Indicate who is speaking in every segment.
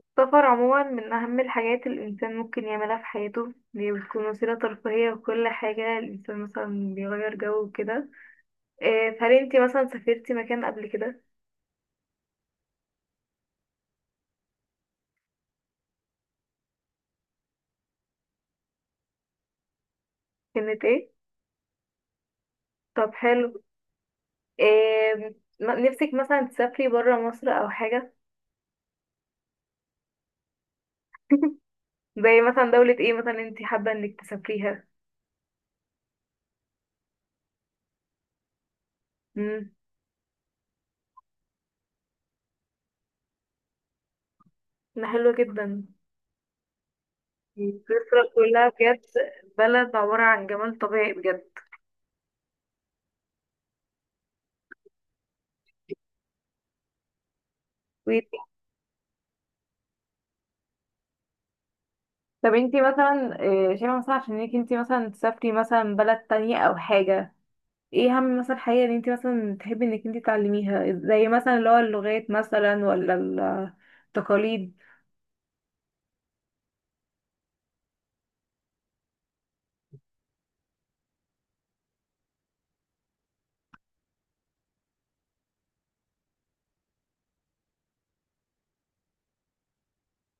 Speaker 1: السفر عموما من أهم الحاجات اللي الإنسان ممكن يعملها في حياته. دي بتكون وسيلة ترفيهية وكل حاجة. الإنسان مثلا بيغير جو وكده. إيه، فهل انتي مثلا سافرتي مكان قبل كده؟ كانت ايه؟ طب حلو. إيه، نفسك مثلا تسافري برا مصر أو حاجة؟ زي مثلا دولة ايه مثلا انتي حابة انك تسافريها؟ مم، ده حلو جدا. سويسرا كلها بجد. بلد عبارة عن جمال طبيعي بجد. طب انتي مثلا، شايفة مثلا عشان انك انتي مثلا تسافري مثلا بلد تانية او حاجة. ايه اهم مثلا حاجة ان انتي مثلا تحبي انك انتي تعلميها زي مثلا اللي هو اللغات مثلا ولا التقاليد؟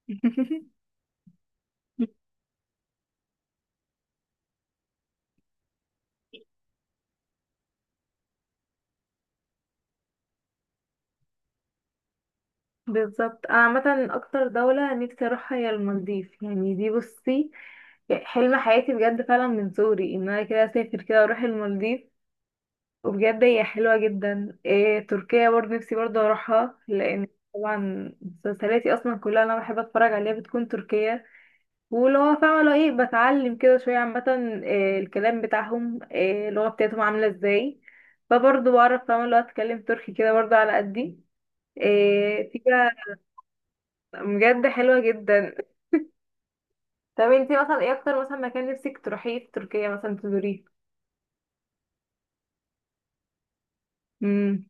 Speaker 1: بالظبط. انا عامة اكتر دولة نفسي اروحها هي المالديف. يعني دي بصي حلم حياتي بجد فعلا من صغري ان انا كده اسافر كده اروح المالديف. وبجد هي حلوة جدا. إيه تركيا برضه نفسي برضه اروحها لان طبعا مسلسلاتي اصلا كلها اللي انا بحب اتفرج عليها بتكون تركية. ولو هو فاهمة لو ايه بتعلم كده شوية عامة إيه الكلام بتاعهم، إيه اللغة بتاعتهم عاملة ازاي. فبرضه بعرف فاهمة لو اتكلم تركي كده برضه على قدي. إيه في بقى. بجد حلوة جدا. طب انتي مثلا ايه اكتر مثلا مكان نفسك تروحيه في تركيا مثلا تزوريه؟ امم،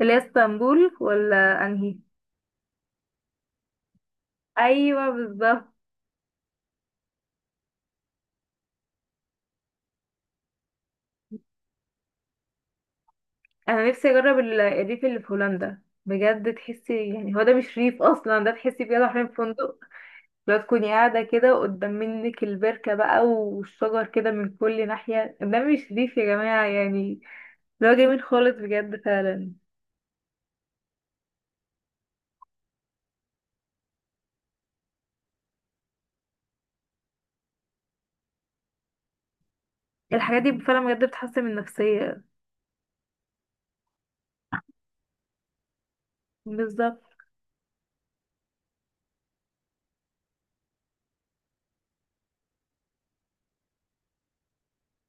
Speaker 1: اللي هي اسطنبول ولا انهي؟ ايوه بالظبط. انا نفسي اجرب الريف اللي في هولندا. بجد تحسي يعني هو ده مش ريف اصلا. ده تحسي بجد حرفيا في فندق. لو تكوني قاعده كده قدام منك البركه بقى والشجر كده من كل ناحيه ده مش ريف يا جماعه يعني. اللي هو جميل خالص بجد فعلا. الحاجات دي فعلا بجد بتحسن من النفسيه. بالظبط.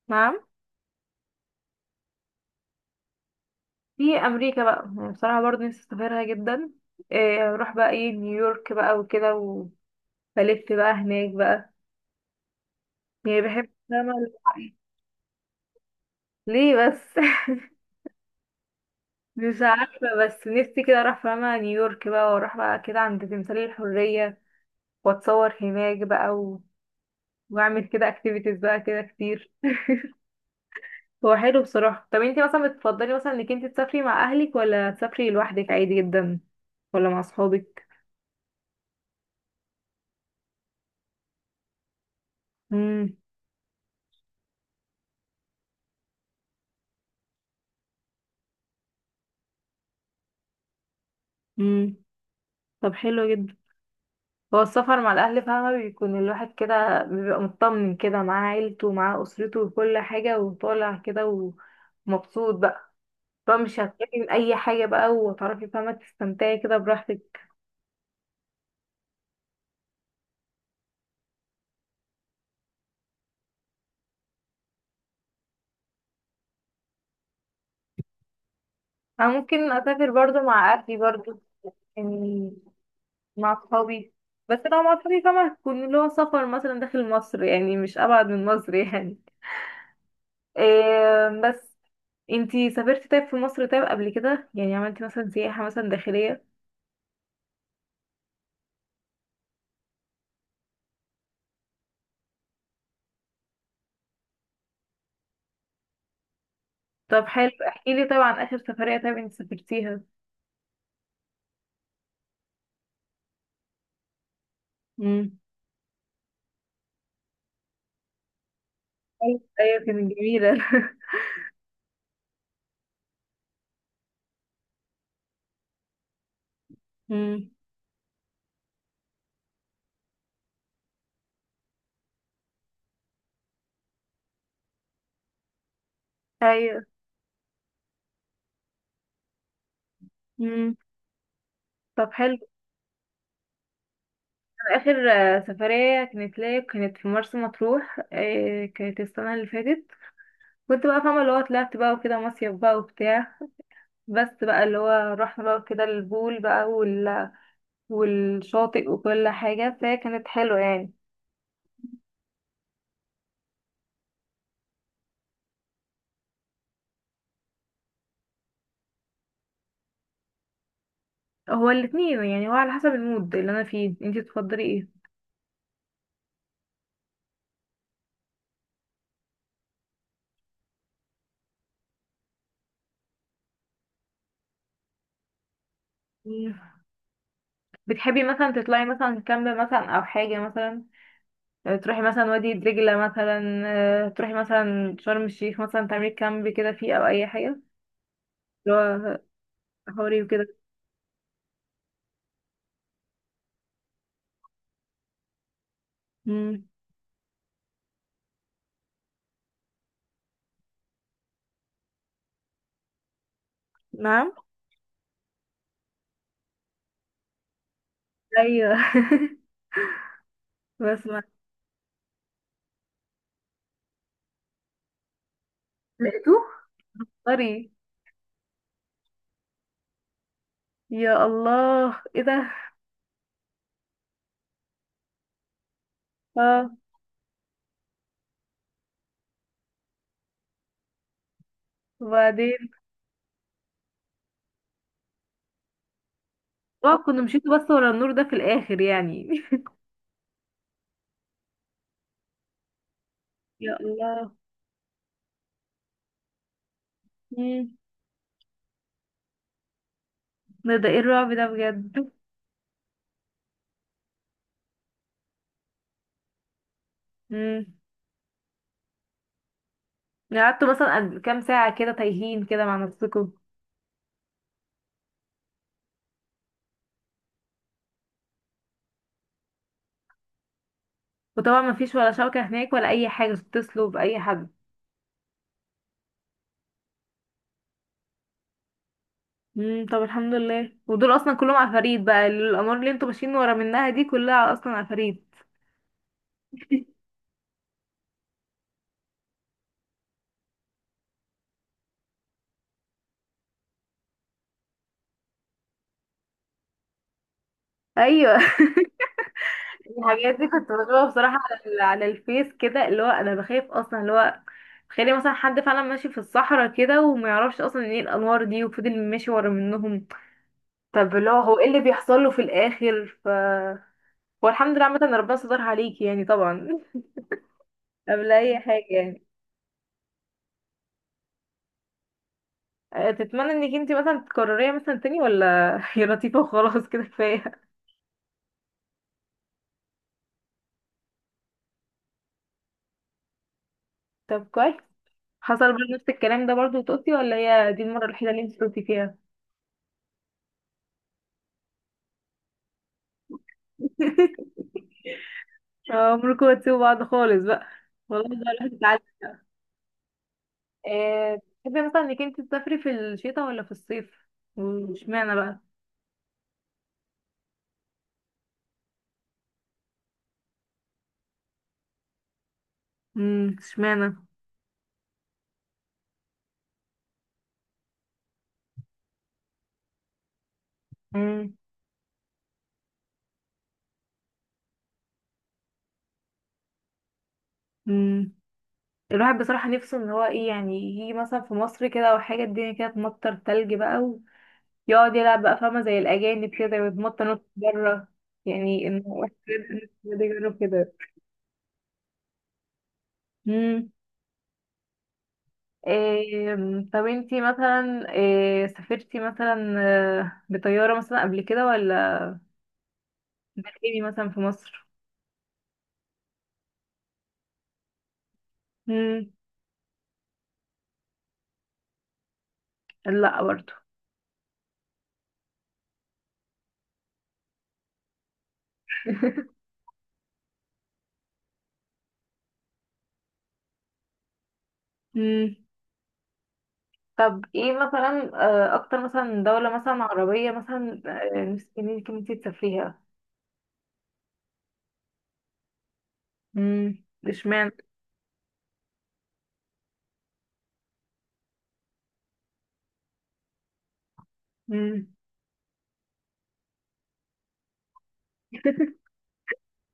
Speaker 1: نعم، في امريكا بقى يعني بصراحه برضه نفسي اسافرها جدا. إيه، اروح بقى ايه نيويورك بقى وكده وبلف بقى هناك بقى يعني بحب فاهمة. ليه بس؟ مش عارفة بس نفسي كده اروح فاهمة نيويورك بقى واروح بقى كده عند تمثالية الحرية واتصور هناك بقى و... واعمل كده اكتيفيتيز بقى كده كتير. هو حلو بصراحة. طب انتي مثلا بتفضلي مثلا انك انتي تسافري مع اهلك ولا تسافري لوحدك عادي جدا ولا مع اصحابك؟ امم. امم. طب حلو جدا. هو السفر مع الاهل فاهمة بيكون الواحد كده بيبقى مطمن كده معاه عيلته ومعاه اسرته وكل حاجة وطالع كده ومبسوط بقى. بقى مش هتخافي من اي حاجه بقى وهتعرفي فاهمه تستمتعي كده براحتك. انا ممكن اسافر برضو مع اهلي برضو. يعني مع اصحابي. بس لو مع اصحابي فاهمه هتكون اللي هو سفر مثلا داخل مصر. يعني مش ابعد من مصر يعني. إيه بس. انتي سافرتي طيب في مصر طيب قبل كده؟ يعني عملتي مثلا سياحه مثلا داخليه؟ طب حلو. احكي لي طيب عن اخر سفريه طيب انتي سافرتيها. امم. ايوه. كانت جميله. امم. ايوه. امم. طب حلو. آخر سفرية كانت ليا كانت في مرسى مطروح. كانت السنة اللي فاتت. كنت بقى فاهمة اللي هو طلعت بقى وكده مصيف بقى وبتاع. بس بقى اللي هو رحنا بقى كده البول بقى وال... والشاطئ وكل حاجة فهي كانت حلوة يعني. هو الاتنين يعني هو على حسب المود اللي أنا فيه. انتي تفضلي ايه؟ مم. بتحبي مثلا تطلعي مثلا كامب مثلا أو حاجة مثلا؟ تروحي مثلا وادي دجلة مثلا. تروحي مثلا شرم الشيخ مثلا تعملي كامب كده فيه أو أي حاجة. اللي هو حوري وكده. مم. نعم. ايوه. بسمع. لقيته طري. يا الله ايه ده. اه وبعدين اه كنا مشيت بس ورا النور ده في الاخر يعني. يا الله. مم. ده ايه الرعب ده بجد. مم. يعني قعدتوا مثلا كام ساعة كده تايهين كده مع نفسكم؟ وطبعا ما فيش ولا شبكة هناك ولا أي حاجة تتصلوا بأي حد. مم. طب الحمد لله. ودول أصلا كلهم عفاريت بقى. الأمور اللي انتوا ماشيين ورا منها دي كلها أصلا عفاريت. أيوه. الحاجات دي كنت بشوفها بصراحة على على الفيس كده اللي هو انا بخاف اصلا اللي هو تخيلي مثلا حد فعلا ماشي في الصحراء كده وما يعرفش اصلا ايه الانوار دي وفضل ماشي ورا منهم. طب اللي هو هو ايه اللي بيحصل له في الاخر ف والحمد لله عامة إن ربنا سترها عليكي يعني طبعا. قبل اي حاجة يعني. تتمنى انك انتي مثلا تكرريها مثلا تاني ولا هي لطيفة وخلاص كده كفاية؟ طب كويس. حصل برضه نفس الكلام ده برضه وتقصي ولا هي دي المرة الوحيدة اللي انتي قلتي فيها؟ اه عمركم هتسيبوا بعض خالص بقى. والله ده الواحد اتعلم. تحبي مثلا انك انت تسافري في الشتاء ولا في الصيف؟ واشمعنى بقى؟ امم، اشمعنى. امم. امم. الواحد بصراحة نفسه ان هو ايه يعني يجي مثلا في مصر كده او حاجة الدنيا كده تمطر تلج بقى ويقعد يلعب بقى فاهمة زي الأجانب كده ويتمطر نط بره. يعني ان واحد بجد يجرب كده. امم. إيه. طب انتي مثلا إيه سافرتي مثلا بطيارة مثلا قبل كده ولا بتقيمي مثلا في مصر؟ مم. لا برضو. مم. طب ايه مثلا اكتر مثلا دولة مثلا عربية مثلا نفسك ان إنتي تسافريها؟ مم. اشمعنى؟ مم.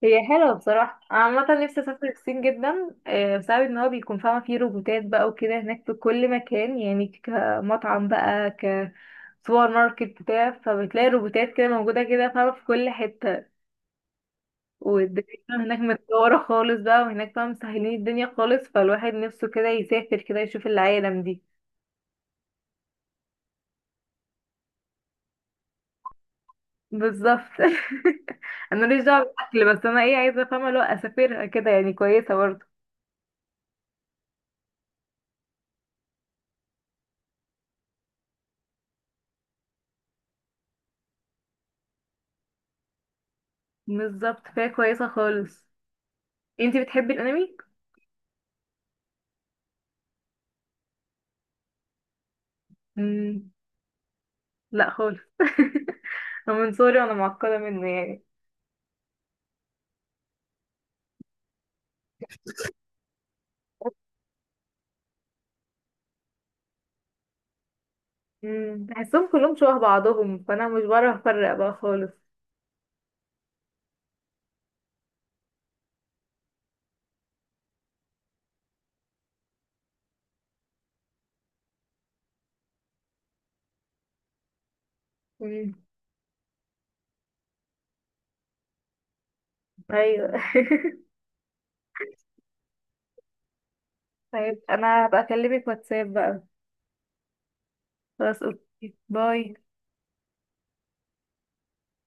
Speaker 1: هي حلوة بصراحة. أنا عامة نفسي اسافر الصين جدا بسبب ان هو بيكون فاهمة فيه روبوتات بقى وكده هناك في كل مكان. يعني كمطعم بقى كسوبر ماركت بتاع فبتلاقي روبوتات كده موجودة كده فاهمة في كل حتة. والدنيا هناك متطورة خالص بقى وهناك بقى مسهلين الدنيا خالص فالواحد نفسه كده يسافر كده يشوف العالم دي. بالظبط. انا ماليش دعوة بالاكل بس انا ايه عايزة افهمها لو اسافرها كده يعني كويسة برضه. بالظبط فهي كويسة خالص. انتي بتحبي الانمي؟ مم. لا خالص. أنا من صغري وانا معقدة منه يعني. مم. بحسهم كلهم شبه بعضهم فانا مش بعرف افرق بقى خالص. مم. ايوه. طيب انا هبقى اكلمك واتساب بقى. خلاص اوكي باي.